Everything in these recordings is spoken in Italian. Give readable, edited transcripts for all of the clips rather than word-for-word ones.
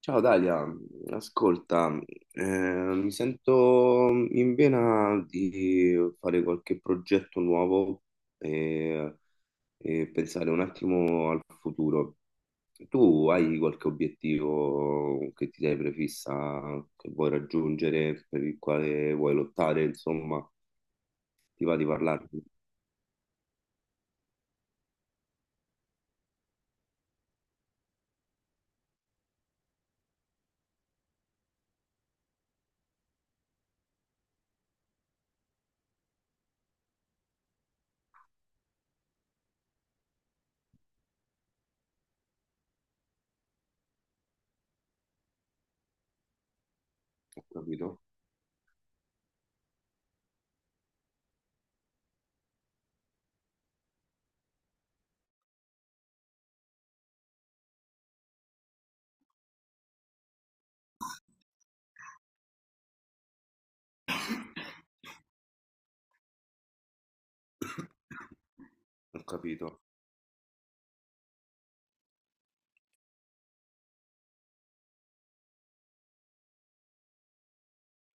Ciao Dalia, ascolta, mi sento in vena di fare qualche progetto nuovo e, e pensare un attimo al futuro. Tu hai qualche obiettivo che ti sei prefissa, che vuoi raggiungere, per il quale vuoi lottare, insomma, ti va di parlarne? Ho capito, ho capito.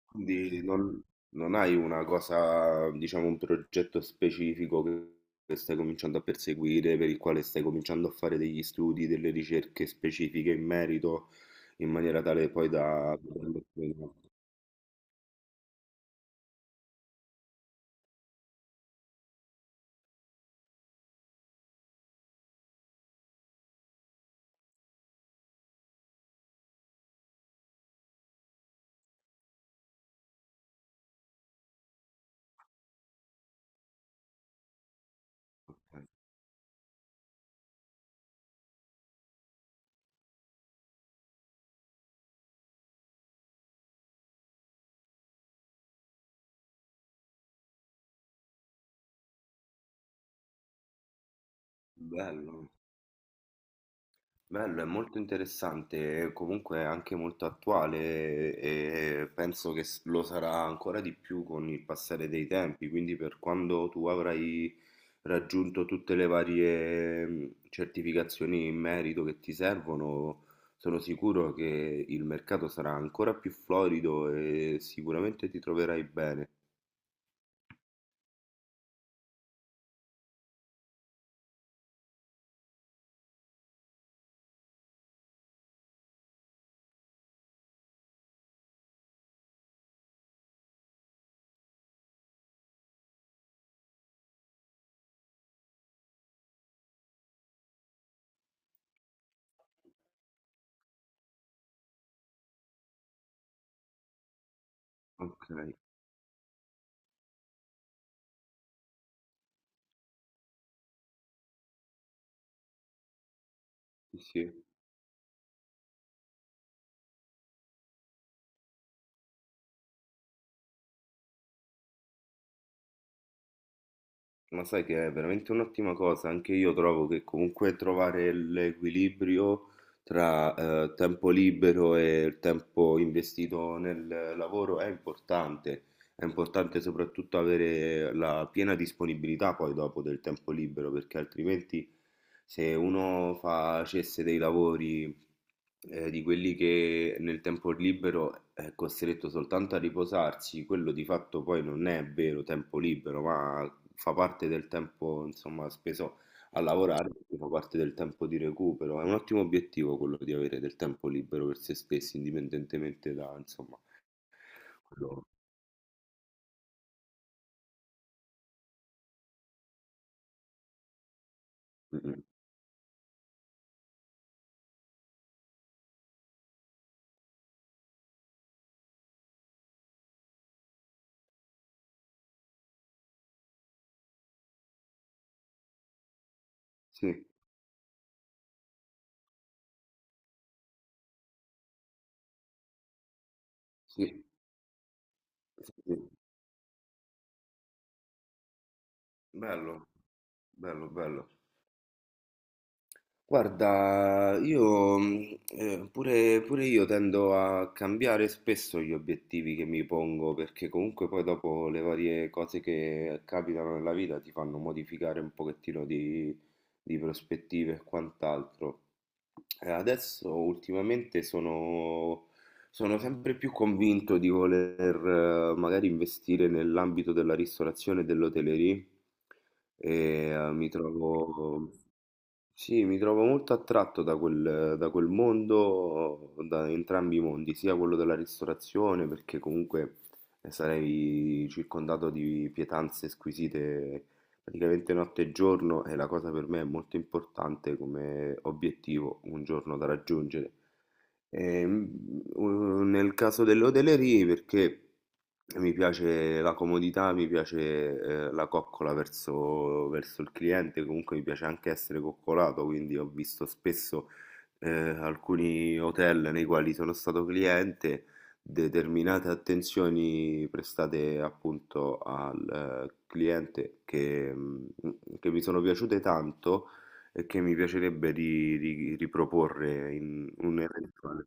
Quindi non hai una cosa, diciamo, un progetto specifico che stai cominciando a perseguire, per il quale stai cominciando a fare degli studi, delle ricerche specifiche in merito, in maniera tale poi. Ok. Bello. Bello, è molto interessante, e comunque è anche molto attuale e penso che lo sarà ancora di più con il passare dei tempi, quindi per quando tu avrai raggiunto tutte le varie certificazioni in merito che ti servono, sono sicuro che il mercato sarà ancora più florido e sicuramente ti troverai bene. Ok, sì, sì. Ma sai che è veramente un'ottima cosa, anche io trovo che comunque trovare l'equilibrio tra tempo libero e il tempo investito nel lavoro è importante soprattutto avere la piena disponibilità poi dopo del tempo libero, perché altrimenti se uno facesse dei lavori di quelli che nel tempo libero è costretto soltanto a riposarsi, quello di fatto poi non è vero tempo libero, ma fa parte del tempo, insomma, speso a lavorare, fa parte del tempo di recupero. È un ottimo obiettivo quello di avere del tempo libero per se stessi, indipendentemente da, insomma, quello. Mm, mm. Sì, sì, sì, sì. Bello, bello, bello. Guarda, io pure, pure io tendo a cambiare spesso gli obiettivi che mi pongo, perché comunque poi dopo le varie cose che capitano nella vita ti fanno modificare un pochettino di prospettive e quant'altro. Adesso ultimamente sono sempre più convinto di voler magari investire nell'ambito della ristorazione e dell'hotellerie. e eh, mi trovo... Sì, mi trovo molto attratto da quel mondo, da entrambi i mondi, sia quello della ristorazione, perché comunque sarei circondato di pietanze squisite praticamente notte e giorno, e la cosa per me è molto importante come obiettivo un giorno da raggiungere. Ehm, Nel caso dell'hotellerie, perché mi piace la comodità, mi piace la coccola verso il cliente, comunque mi piace anche essere coccolato, quindi ho visto spesso alcuni hotel nei quali sono stato cliente, determinate attenzioni prestate appunto al cliente che mi sono piaciute tanto e che mi piacerebbe ri ri riproporre in un'eventuale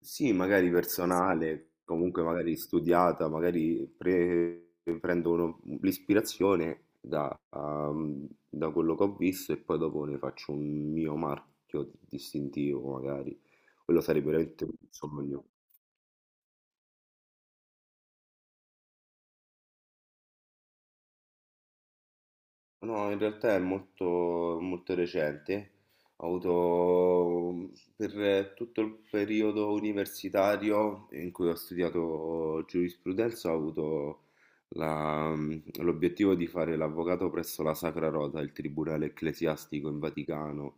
sì, magari personale, comunque magari studiata, magari prendo uno l'ispirazione da quello che ho visto e poi dopo ne faccio un mio marchio distintivo magari. Quello sarebbe veramente un sogno. No, in realtà è molto, molto recente. Ho avuto, per tutto il periodo universitario in cui ho studiato giurisprudenza, ho avuto la- l'obiettivo di fare l'avvocato presso la Sacra Rota, il Tribunale Ecclesiastico in Vaticano,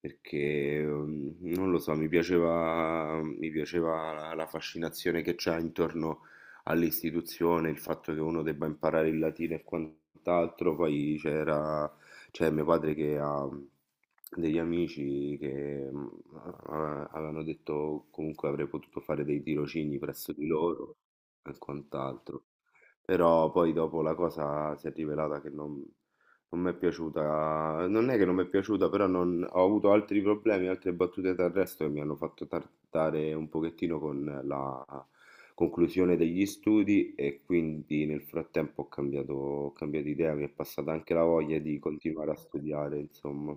perché non lo so, mi piaceva la fascinazione che c'è intorno all'istituzione, il fatto che uno debba imparare il latino e quant'altro. Poi c'era, c'è mio padre che ha degli amici che avevano detto comunque avrei potuto fare dei tirocini presso di loro e quant'altro. Però poi dopo la cosa si è rivelata che non mi è piaciuta, non è che non mi è piaciuta, però ho avuto altri problemi, altre battute d'arresto che mi hanno fatto tardare un pochettino con la conclusione degli studi, e quindi nel frattempo ho cambiato idea, mi è passata anche la voglia di continuare a studiare, insomma.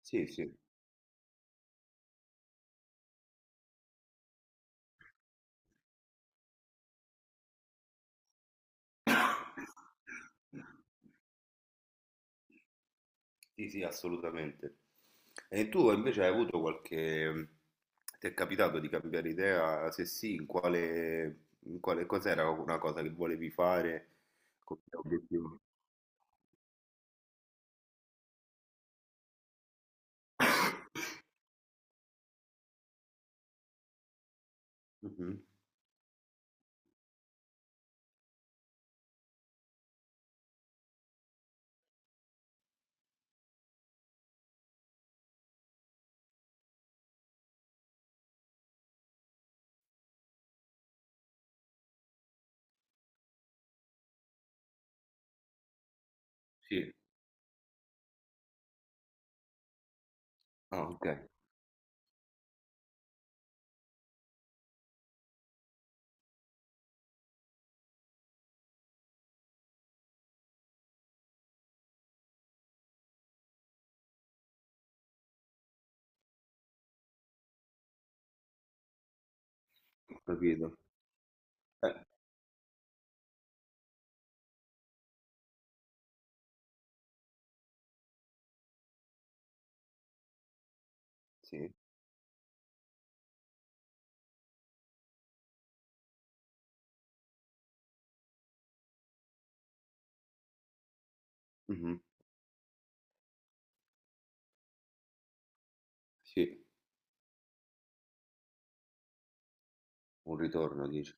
Sì, sì, sì, sì, assolutamente. E tu invece hai avuto, ti è capitato di cambiare idea? Se sì, in quale cos'era una cosa che volevi fare come obiettivo? Mhm. Sì. Ah, ok, ho capito. Eh, sì. Mhm. Sì, un ritorno, dici?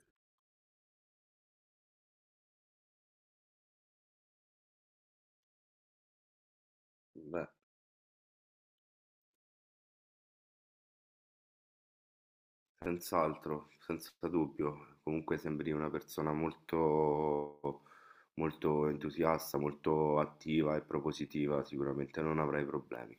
Beh. Senz'altro, senza dubbio. Comunque sembri una persona molto, molto entusiasta, molto attiva e propositiva, sicuramente non avrai problemi.